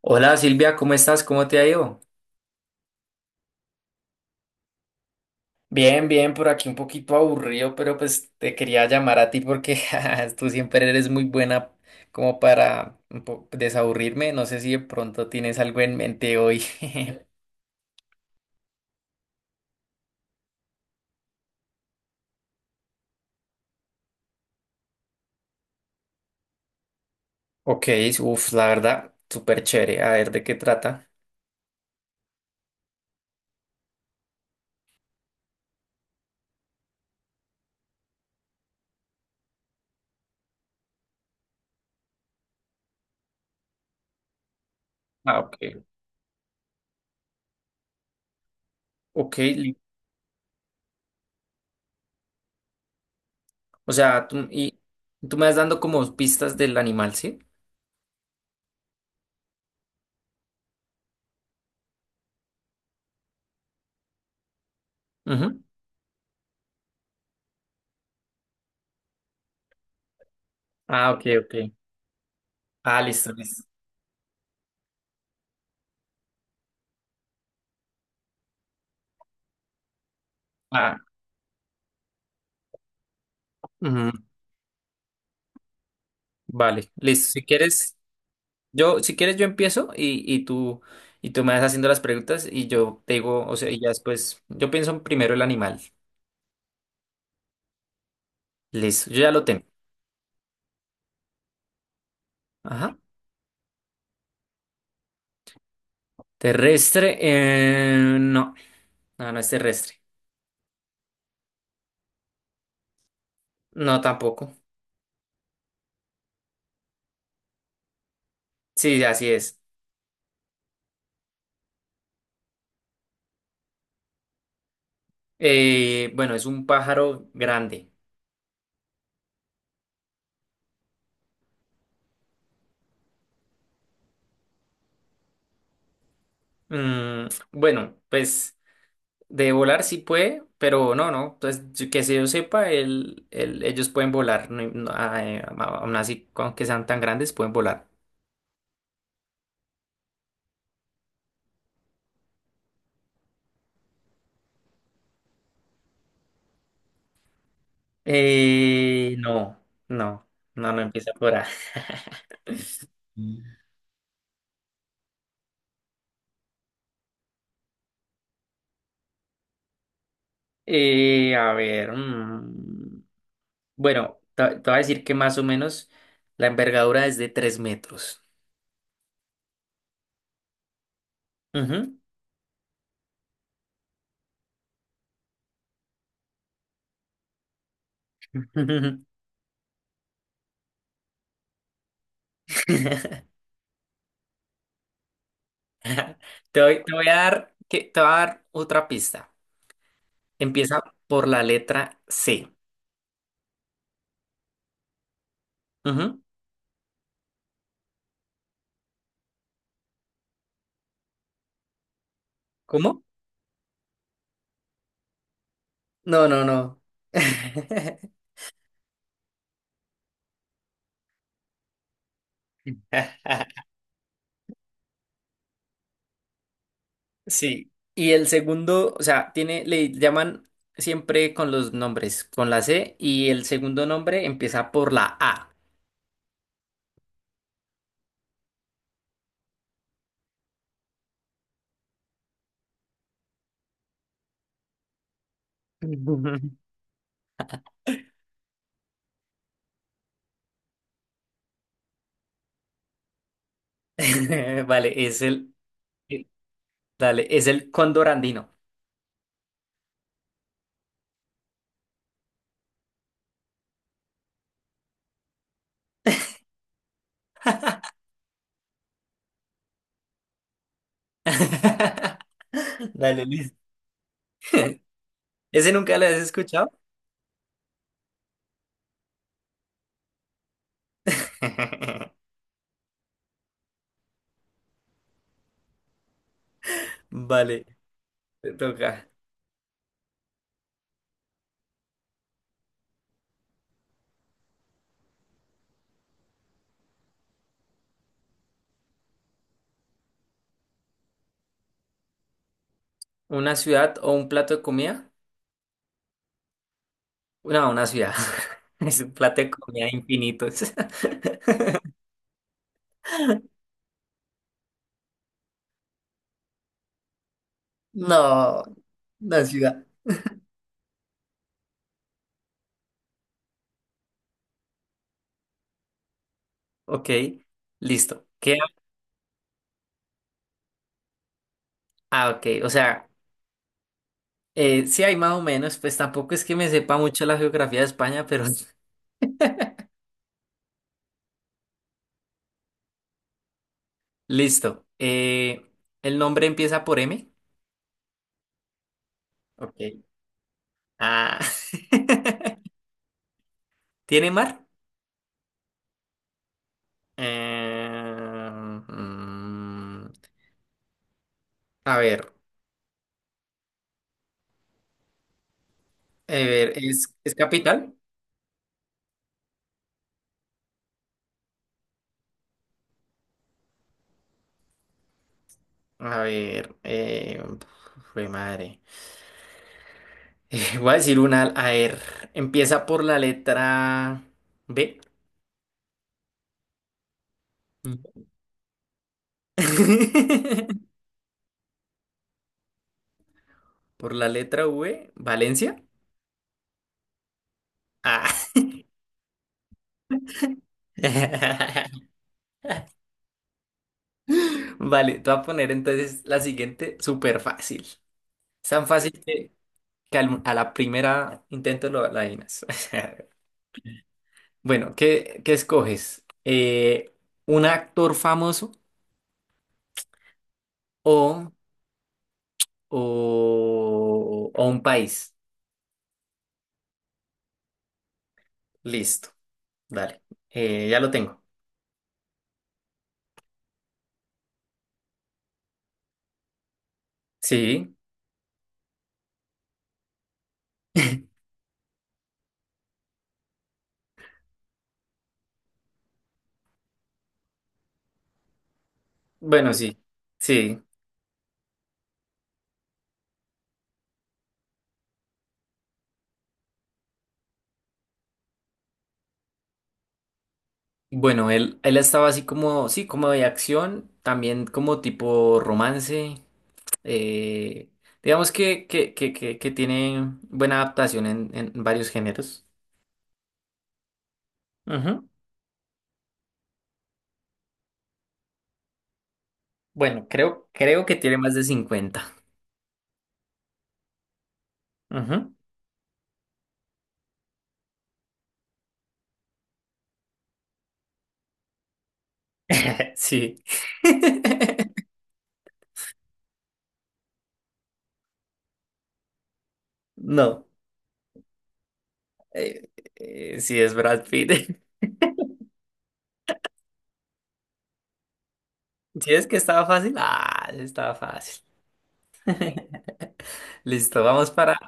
Hola Silvia, ¿cómo estás? ¿Cómo te ha ido? Bien, por aquí un poquito aburrido, pero pues te quería llamar a ti porque ja, tú siempre eres muy buena como para desaburrirme. No sé si de pronto tienes algo en mente hoy. Ok, uff, la verdad, súper chévere. A ver, ¿de qué trata? Ah, ok. Ok, li- o sea, tú, y, tú me vas dando como pistas del animal, ¿sí? Ujú. Ah, ok. Ah, listo. Ah, ujú. Vale, listo. Si quieres, yo, si quieres, yo empiezo y tú me vas haciendo las preguntas y yo te digo, o sea, y ya después, yo pienso primero el animal. Listo, yo ya lo tengo. Ajá. Terrestre, no es terrestre. No, tampoco. Sí, así es. Bueno, es un pájaro grande. Mm, bueno, pues de volar sí puede, pero no. Entonces, que se yo sepa, ellos pueden volar. No- no, ah, aún así, aunque sean tan grandes, pueden volar. Eh, no, no, no empieza por A. A ver, bueno, te voy a decir que más o menos la envergadura es de 3 metros. Ujú. Te voy a dar otra pista. Empieza por la letra C. Ujú. ¿Cómo? No. Sí, y el segundo, o sea, tiene, le llaman siempre con los nombres, con la C, y el segundo nombre empieza por la A. Vale, el- dale, es el cóndor andino. Dale, listo. ¿Ese nunca lo has escuchado? Vale, te toca. ¿Una ciudad o un plato de comida? No, una ciudad. Es un plato de comida infinitos. No, una ciudad. Ok, listo. Ah, ok. Sí hay más o menos, pues tampoco es que me sepa mucho la geografía de España, pero listo. ¿El nombre empieza por M? Ok. Ah. ¿Tiene mar? Eh, mm, a ver, a ver, ¿es capital? A ver, jue madre. Voy a decir una, a ver, empieza por la letra B. Mm. Por la letra V, Valencia. Ah. Vale, te voy a poner entonces la siguiente súper fácil. Es tan fácil que, a la primera intento lo la adivinas. Bueno, ¿qué escoges? ¿Un actor famoso o, o un país? Listo, dale. Ya lo tengo. Sí. Bueno, sí. Bueno, él estaba así como, sí, como de acción, también como tipo romance. Eh, digamos que tiene buena adaptación en varios géneros. Ujú. Bueno, creo que tiene más de 50. Ujú. Sí. No. Eh, sí, es Brad Pitt. ¿Si es que estaba fácil? Ah, sí estaba fácil. Listo, vamos para.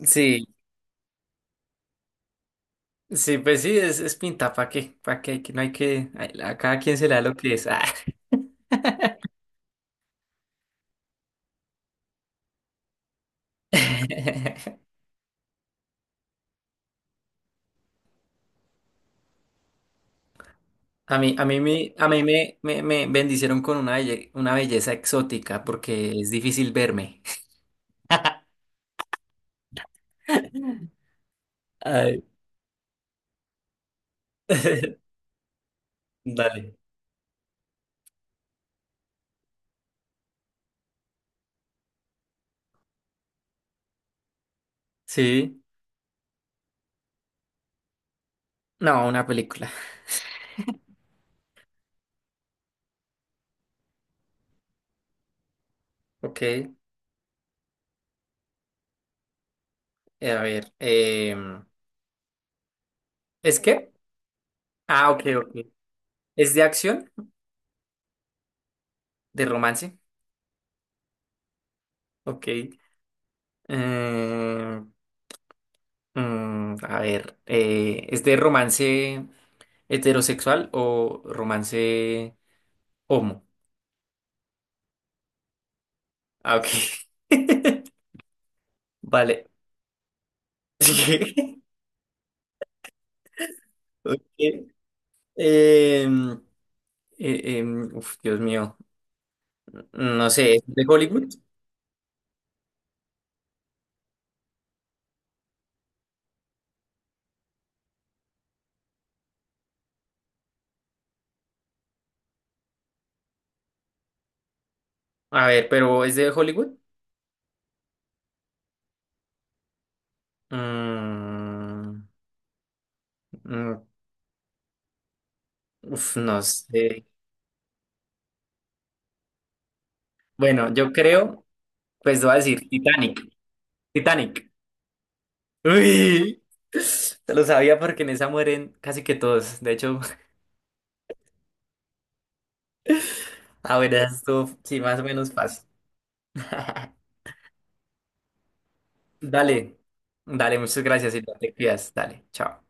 Sí, sí, pues sí, es pinta, ¿para qué? ¿Para qué? Que no hay que. A cada quien se le da lo que es. Ah. A mí me bendicieron con una belleza exótica porque es difícil verme. Ay. Dale. Sí. No, una película. Ok. A ver. Em, ¿es que? Ah, ok. ¿Es de acción? ¿De romance? Ok. A ver. ¿Es de romance heterosexual o romance homo? Ah, ok. Vale. Sí, ok. Em, Dios mío. No sé, ¿es de Hollywood? A ver, pero ¿es de Hollywood? Mm, mm, uf, no sé. Bueno, yo pues voy a decir Titanic. Titanic. Uy, te lo sabía porque en esa mueren casi que todos. De hecho, a ver, esto sí, más o menos fácil. Dale, dale, muchas gracias y te cuidas. Dale, chao.